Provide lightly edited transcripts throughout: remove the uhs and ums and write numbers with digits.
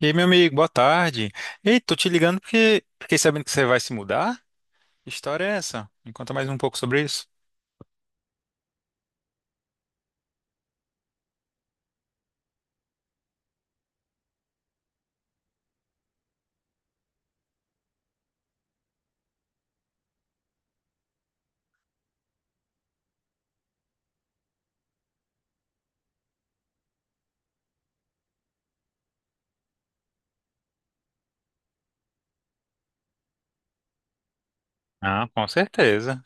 E aí, meu amigo, boa tarde. Ei, tô te ligando porque fiquei sabendo que você vai se mudar. Que história é essa? Me conta mais um pouco sobre isso. Ah, com certeza.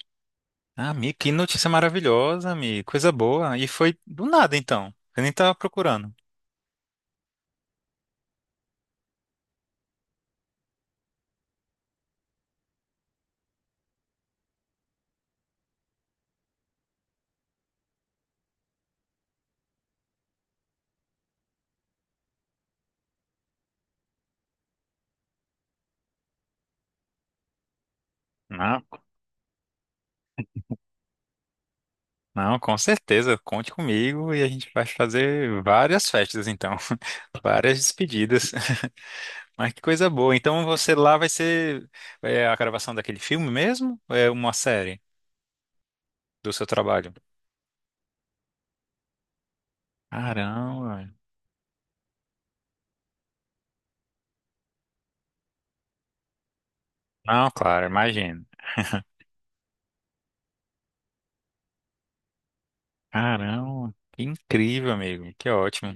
Ah, amigo, que notícia maravilhosa, amigo. Coisa boa. E foi do nada, então. Eu nem tava procurando. Não, não, com certeza. Conte comigo e a gente vai fazer várias festas, então. Várias despedidas. Mas que coisa boa. Então você lá vai ser a gravação daquele filme mesmo? Ou é uma série do seu trabalho? Caramba. Não, claro, imagino. Caramba, que incrível, amigo. Que ótimo.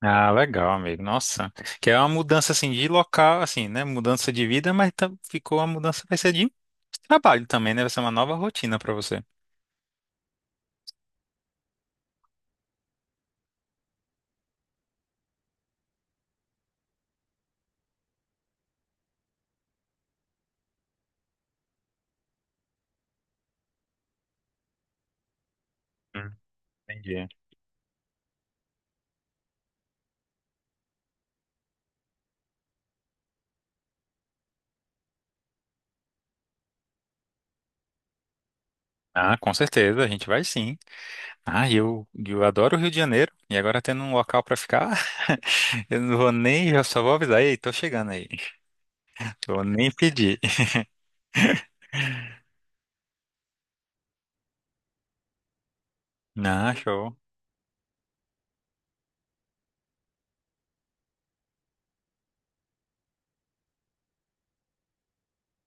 Ah, legal, amigo. Nossa, que é uma mudança assim de local, assim, né? Mudança de vida, mas ficou uma mudança vai ser de trabalho também, né? Vai ser uma nova rotina pra você. Hum. Entendi. Ah, com certeza, a gente vai sim. Ah, e eu adoro o Rio de Janeiro e agora tendo um local pra ficar, eu não vou nem, eu só vou avisar, ei, tô chegando aí. Vou nem pedir. Ah, show.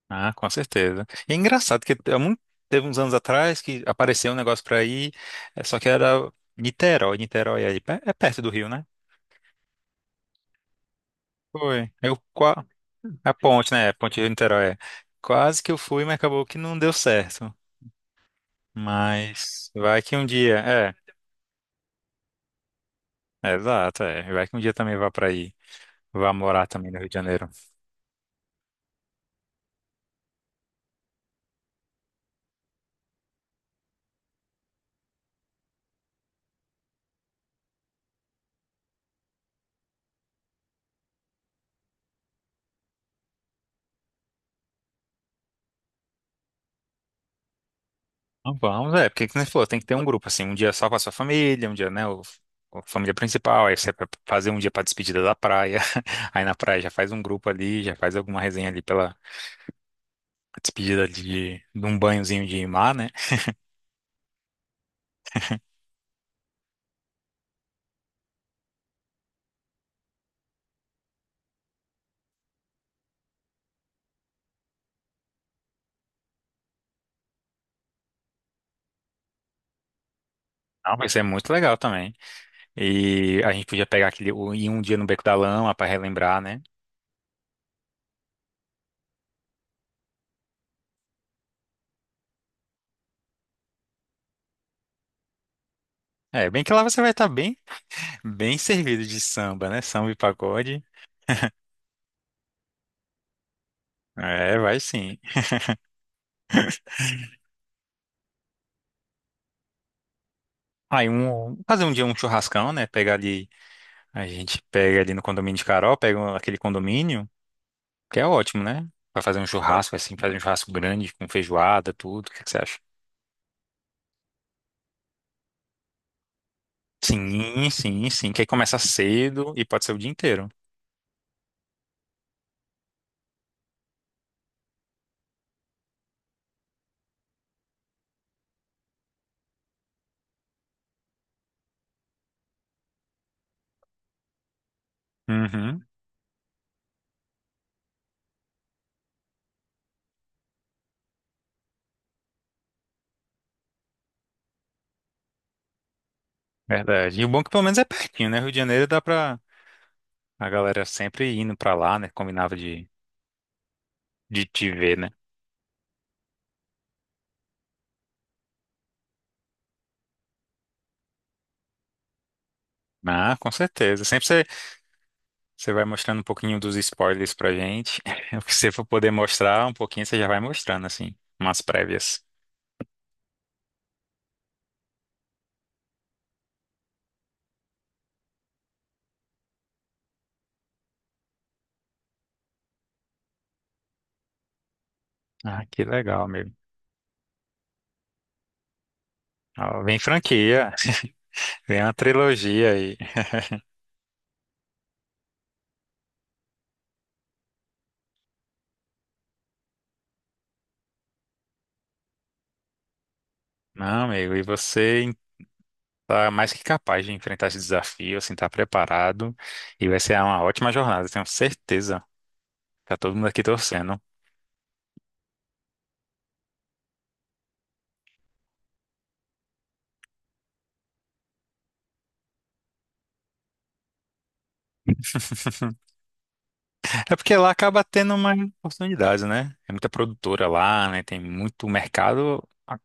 Ah, com certeza. E é engraçado que teve uns anos atrás que apareceu um negócio pra ir, é, só que era Niterói. Niterói é, é perto do Rio, né? Foi. A ponte, né? É a ponte de Niterói, é. Quase que eu fui, mas acabou que não deu certo. Mas vai que um dia. É, exato. É. Vai que um dia também vá pra aí. Vá morar também no Rio de Janeiro. Não, vamos, é, porque que nem você falou, tem que ter um grupo, assim, um dia só com a sua família, um dia, né, o, a família principal, aí você vai fazer um dia pra despedida da praia, aí na praia já faz um grupo ali, já faz alguma resenha ali pela despedida de um banhozinho de mar, né? Não, vai ser muito legal também. E a gente podia pegar aquele, ir um dia no Beco da Lama pra relembrar, né? É, bem que lá você vai estar bem, bem servido de samba, né? Samba e pagode. É, vai sim. Aí um, fazer um dia um churrascão, né? Pegar ali. A gente pega ali no condomínio de Carol, pega aquele condomínio, que é ótimo, né? Pra fazer um churrasco, assim, fazer um churrasco grande, com feijoada, tudo. O que que você acha? Sim, sim, sim. Que aí começa cedo e pode ser o dia inteiro. Uhum, verdade. E o bom é que pelo menos é pertinho, né? Rio de Janeiro dá pra a galera sempre indo pra lá, né? Combinava de te ver, né? Ah, com certeza. Sempre você, você vai mostrando um pouquinho dos spoilers pra gente. O que você for poder mostrar um pouquinho, você já vai mostrando, assim, umas prévias. Ah, que legal, amigo. Ó, vem franquia, vem uma trilogia aí. Não, amigo, e você tá mais que capaz de enfrentar esse desafio, assim, tá preparado e vai ser uma ótima jornada, tenho certeza. Tá todo mundo aqui torcendo. É porque lá acaba tendo mais oportunidades, né? É muita produtora lá, né? Tem muito mercado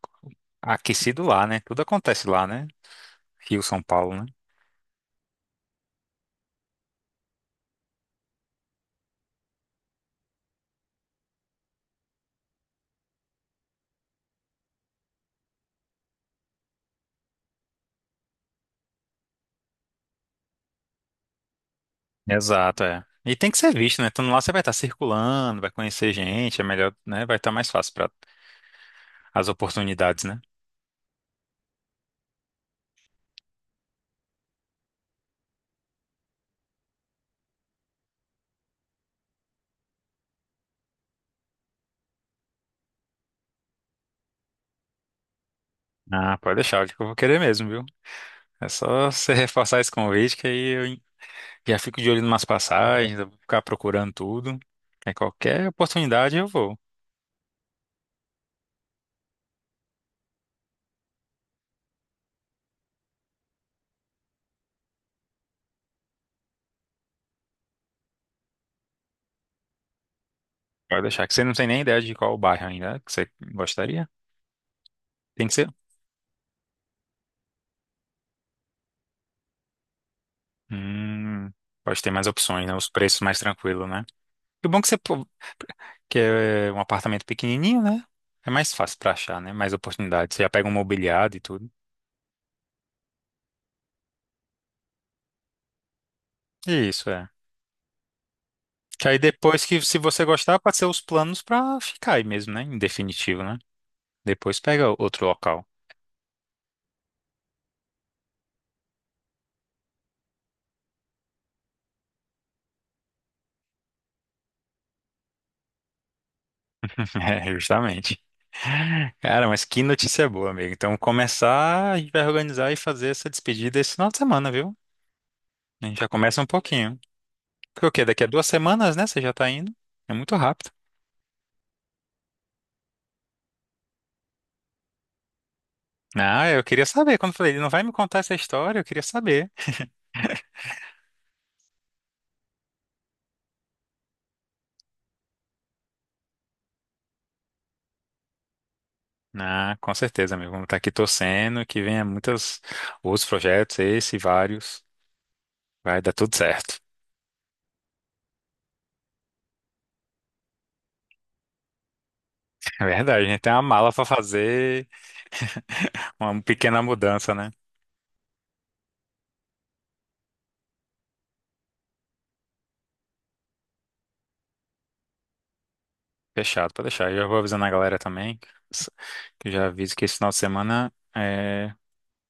aquecido lá, né? Tudo acontece lá, né? Rio, São Paulo, né? Exato, é. E tem que ser visto, né? Então lá, você vai estar circulando, vai conhecer gente, é melhor, né? Vai estar mais fácil para as oportunidades, né? Ah, pode deixar, acho que eu vou querer mesmo, viu? É só você reforçar esse convite que já fico de olho em umas passagens, eu vou ficar procurando tudo. É qualquer oportunidade eu vou. Pode deixar, que você não tem nem ideia de qual bairro ainda que você gostaria. Tem que ser. Hum, pode ter mais opções, né? Os preços mais tranquilos, né? E o bom que você pô, que é um apartamento pequenininho, né? É mais fácil pra achar, né? Mais oportunidades. Você já pega um mobiliado e tudo. Isso, é. Que aí depois que, se você gostar, pode ser os planos pra ficar aí mesmo, né? Em definitivo, né? Depois pega outro local. É, justamente. Cara, mas que notícia boa, amigo. Então, começar, a gente vai organizar e fazer essa despedida esse final de semana, viu? A gente já começa um pouquinho. Porque o quê? Daqui a duas semanas, né? Você já tá indo. É muito rápido. Ah, eu queria saber. Quando eu falei, ele não vai me contar essa história, eu queria saber. Ah, com certeza, amigo. Vamos estar aqui torcendo que venha muitos outros projetos, esse e vários. Vai dar tudo certo. É verdade, a gente tem uma mala pra fazer, uma pequena mudança, né? Fechado, pode deixar. Eu já vou avisando a galera também, que eu já aviso que esse final de semana é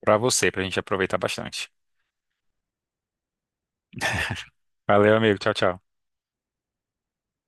pra você, pra gente aproveitar bastante. Valeu, amigo. Tchau, tchau.